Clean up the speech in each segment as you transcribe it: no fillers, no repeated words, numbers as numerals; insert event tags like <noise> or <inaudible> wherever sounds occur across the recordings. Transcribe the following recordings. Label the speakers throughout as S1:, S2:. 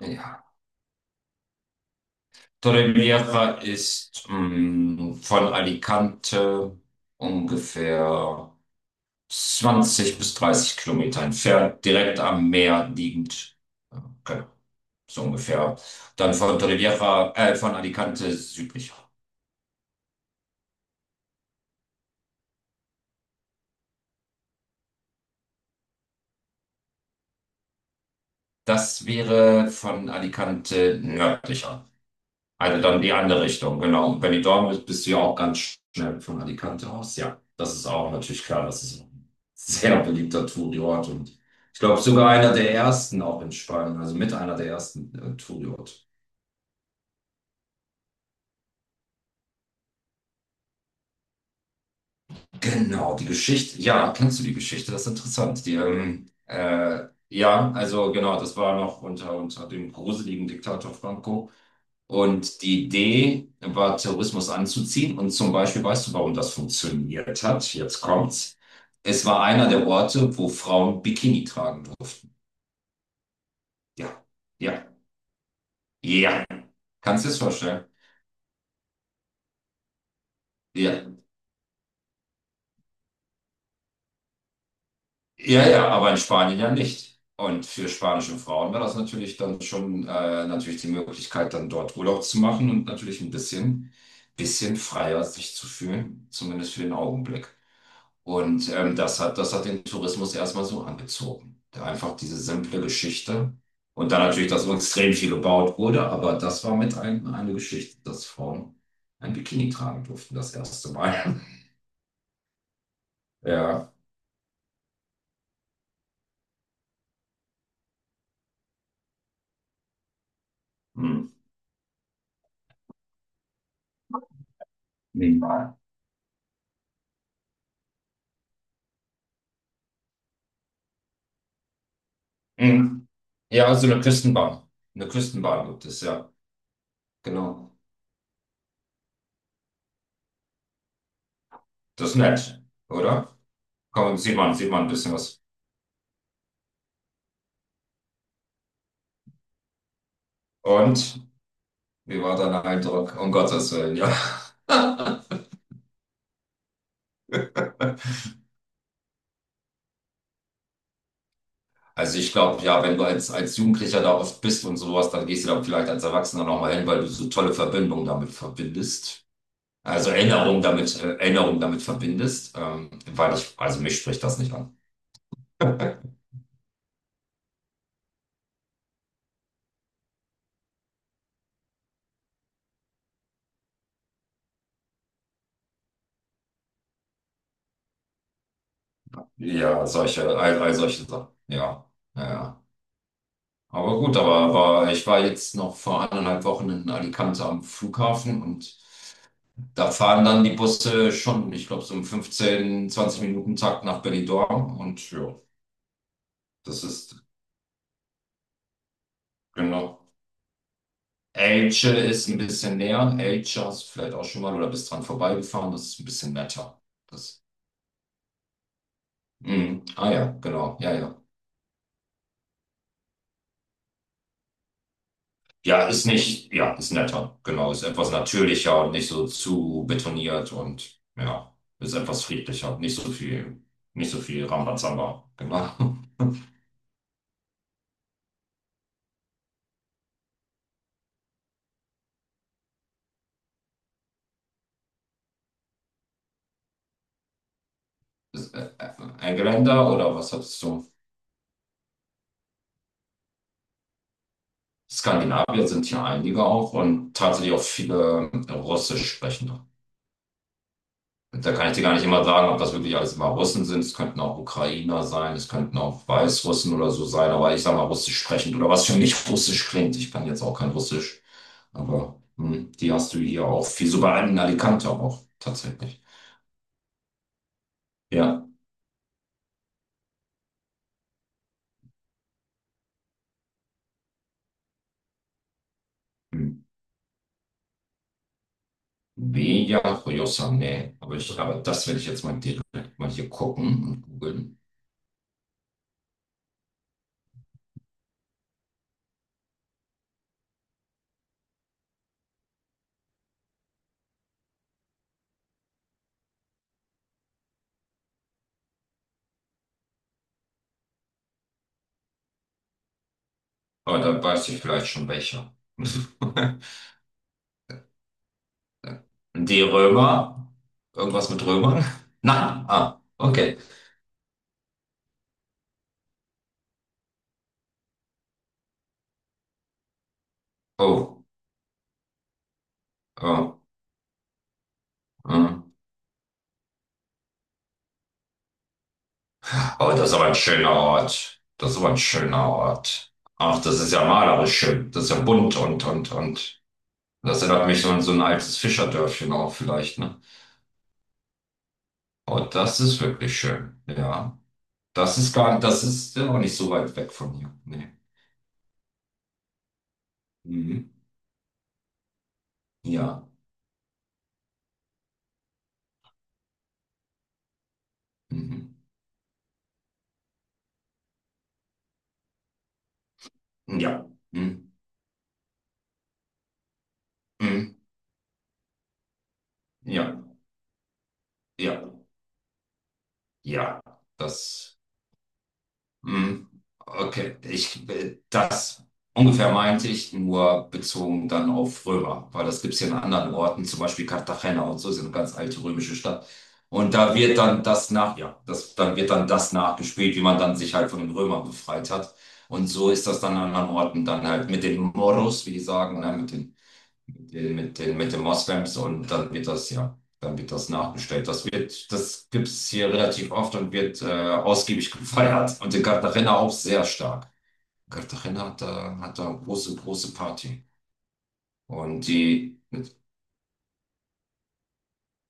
S1: Ja. Torrevieja ist von Alicante ungefähr 20 bis 30 Kilometer entfernt, direkt am Meer liegend. Ja, genau, so ungefähr. Dann von Torrevieja, von Alicante südlicher. Das wäre von Alicante nördlicher. Also dann die andere Richtung, genau. Und wenn du dort bist, bist du ja auch ganz schnell von Alicante aus. Ja, das ist auch natürlich klar. Das ist ein sehr beliebter Touri-Ort und ich glaube sogar einer der ersten auch in Spanien, also mit einer der ersten Touri-Ort. Genau, die Geschichte. Ja, kennst du die Geschichte? Das ist interessant. Ja, also genau, das war noch unter dem gruseligen Diktator Franco. Und die Idee war, Terrorismus anzuziehen. Und zum Beispiel, weißt du, warum das funktioniert hat? Jetzt kommt's. Es war einer der Orte, wo Frauen Bikini tragen durften. Ja, ja, ja. Kannst du es vorstellen? Ja, ja, ja, aber in Spanien ja nicht. Und für spanische Frauen war das natürlich dann schon natürlich die Möglichkeit, dann dort Urlaub zu machen und natürlich ein bisschen freier sich zu fühlen, zumindest für den Augenblick. Und das hat den Tourismus erstmal so angezogen. Da einfach diese simple Geschichte. Und dann natürlich, dass so extrem viel gebaut wurde, aber das war mit eine Geschichte, dass Frauen ein Bikini tragen durften, das erste Mal. <laughs> Ja. Hm. Nee. Hm. Ja, also eine Küstenbahn. Eine Küstenbahn gibt es, ja. Genau. Das ist nett, oder? Komm, sieht man ein bisschen was. Und wie war dein Eindruck? Um Gottes Willen, ja. <laughs> Also ich glaube, ja, wenn du als Jugendlicher da oft bist und sowas, dann gehst du da vielleicht als Erwachsener nochmal hin, weil du so tolle Verbindungen damit verbindest. Also ja, Erinnerungen damit verbindest, also mich spricht das nicht an. Ja, solche, all solche Sachen. Ja, ja. Aber gut, aber ich war jetzt noch vor eineinhalb Wochen in Alicante am Flughafen und da fahren dann die Busse schon, ich glaube, so im 15, 20 Minuten Takt nach Benidorm und ja, das ist genau. Elche ist ein bisschen näher. Elche hast du vielleicht auch schon mal oder bist dran vorbeigefahren. Das ist ein bisschen netter. Das, Mhm. Ah ja, genau. Ja, ja. Ja, ist nicht, ja, ist netter. Genau, ist etwas natürlicher und nicht so zu betoniert und ja, ist etwas friedlicher. Nicht so viel Rambazamba. Genau. <laughs> Ist, äh, äh, Ein Geländer oder was hattest du? Skandinavier sind hier einige auch und tatsächlich auch viele Russisch sprechende. Da kann ich dir gar nicht immer sagen, ob das wirklich alles immer Russen sind. Es könnten auch Ukrainer sein, es könnten auch Weißrussen oder so sein, aber ich sage mal Russisch sprechend oder was für mich <laughs> Russisch klingt. Ich kann jetzt auch kein Russisch, aber die hast du hier auch viel, sogar in Alicante auch tatsächlich. Ja, hm. Beja Rojosa, nee, aber das werde ich jetzt mal direkt mal hier gucken und googeln. Aber dann weiß ich vielleicht schon welcher. <laughs> Die Römer, Irgendwas mit Römern? Nein, ah, okay. Oh. ähm, Hm. Oh, das ist aber ein schöner Ort. Das ist aber ein schöner Ort. Ach, das ist ja malerisch schön. Das ist ja bunt und. Das erinnert mich so an so ein altes Fischerdörfchen auch vielleicht, ne? Oh, das ist wirklich schön. Ja. Das ist ja auch nicht so weit weg von hier. Nee. Mhm. Ja. Mhm. Ja. Mhm. Mhm. Ja. Ja. Ja. Das. Hm, Okay, das ungefähr meinte ich nur bezogen dann auf Römer, weil das gibt es ja an anderen Orten, zum Beispiel Cartagena und so, ist ja eine ganz alte römische Stadt. Und da wird dann das, dann wird dann das nachgespielt, wie man dann sich halt von den Römern befreit hat. Und so ist das dann an anderen Orten dann halt mit den Moros, wie die sagen, ne, mit den Moslems und dann dann wird das nachbestellt. Das gibt's hier relativ oft und wird ausgiebig <laughs> gefeiert. Und in Cartagena auch sehr stark. Cartagena hat da eine große, große Party. Und die,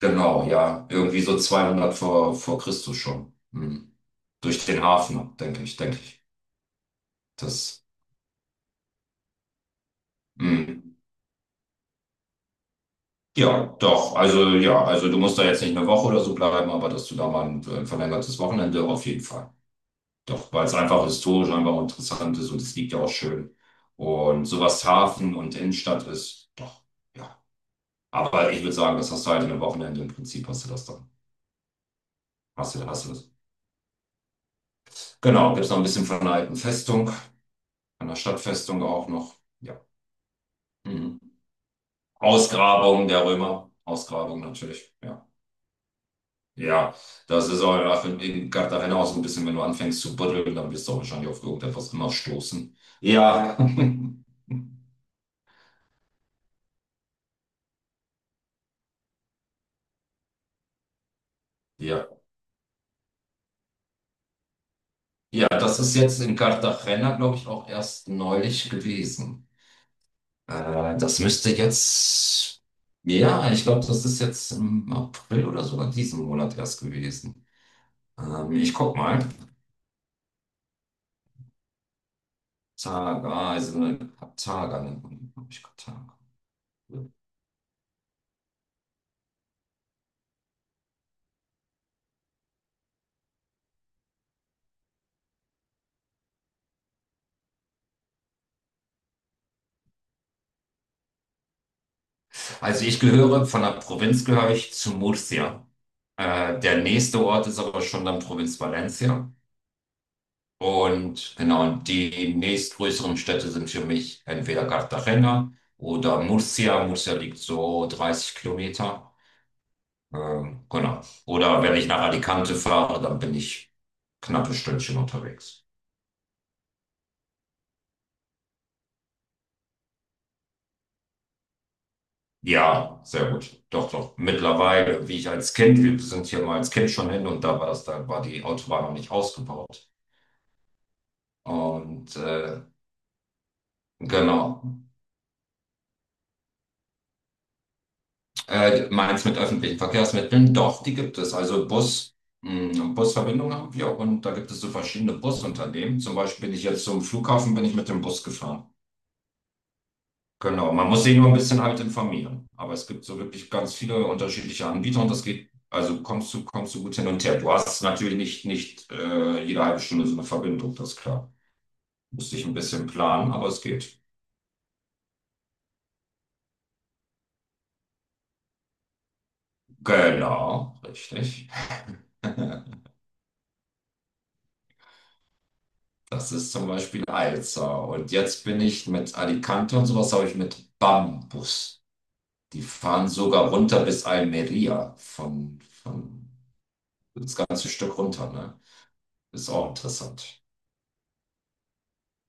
S1: genau, ja, irgendwie so 200 vor Christus schon. Hm. Durch den Hafen, denke ich, denke ich. Das, hm. Ja, doch. Also, ja, also du musst da jetzt nicht eine Woche oder so bleiben, aber dass du da mal ein verlängertes Wochenende auf jeden Fall. Doch, weil es einfach historisch einfach interessant ist und es liegt ja auch schön. Und sowas Hafen und Innenstadt ist, doch, ja. Aber ich würde sagen, das hast du halt in einem Wochenende im Prinzip, hast du das dann. Hast du das. Genau, gibt es noch ein bisschen von einer alten Festung, einer Stadtfestung auch noch. Ja. Mhm. Ausgrabungen der Römer. Ausgrabungen natürlich, ja. Ja, das ist auch in Cartagena auch so ein bisschen, wenn du anfängst zu buddeln, dann wirst du auch wahrscheinlich auf irgendetwas immer stoßen. Ja. <laughs> Ja. Ja, das ist jetzt in Cartagena, glaube ich, auch erst neulich gewesen. Das müsste jetzt, ja, ich glaube, das ist jetzt im April oder sogar diesen Monat erst gewesen. Ich guck mal. Targa, also Targa nennt man, die, glaub ich, Targa. Von der Provinz gehöre ich zu Murcia. Der nächste Ort ist aber schon dann Provinz Valencia. Und genau, und die nächstgrößeren Städte sind für mich entweder Cartagena oder Murcia. Murcia liegt so 30 Kilometer. Genau. Oder wenn ich nach Alicante fahre, dann bin ich knappe Stündchen unterwegs. Ja, sehr gut. Doch, doch. Mittlerweile, wie ich als Kind, wir sind hier mal als Kind schon hin und da war die Autobahn noch nicht ausgebaut. Und genau. Meinst mit öffentlichen Verkehrsmitteln? Doch, die gibt es. Also Busverbindungen haben wir und da gibt es so verschiedene Busunternehmen. Zum Beispiel bin ich jetzt zum Flughafen, bin ich mit dem Bus gefahren. Genau, man muss sich nur ein bisschen halt informieren. Aber es gibt so wirklich ganz viele unterschiedliche Anbieter und das geht, also kommst du gut hin und her. Du hast natürlich nicht jede halbe Stunde so eine Verbindung, das ist klar. Musst dich ein bisschen planen, aber es geht. Genau, richtig. <laughs> Das ist zum Beispiel Alza. Und jetzt bin ich mit Alicante und sowas, habe ich mit Bambus. Die fahren sogar runter bis Almeria von das ganze Stück runter, ne? Ist auch interessant.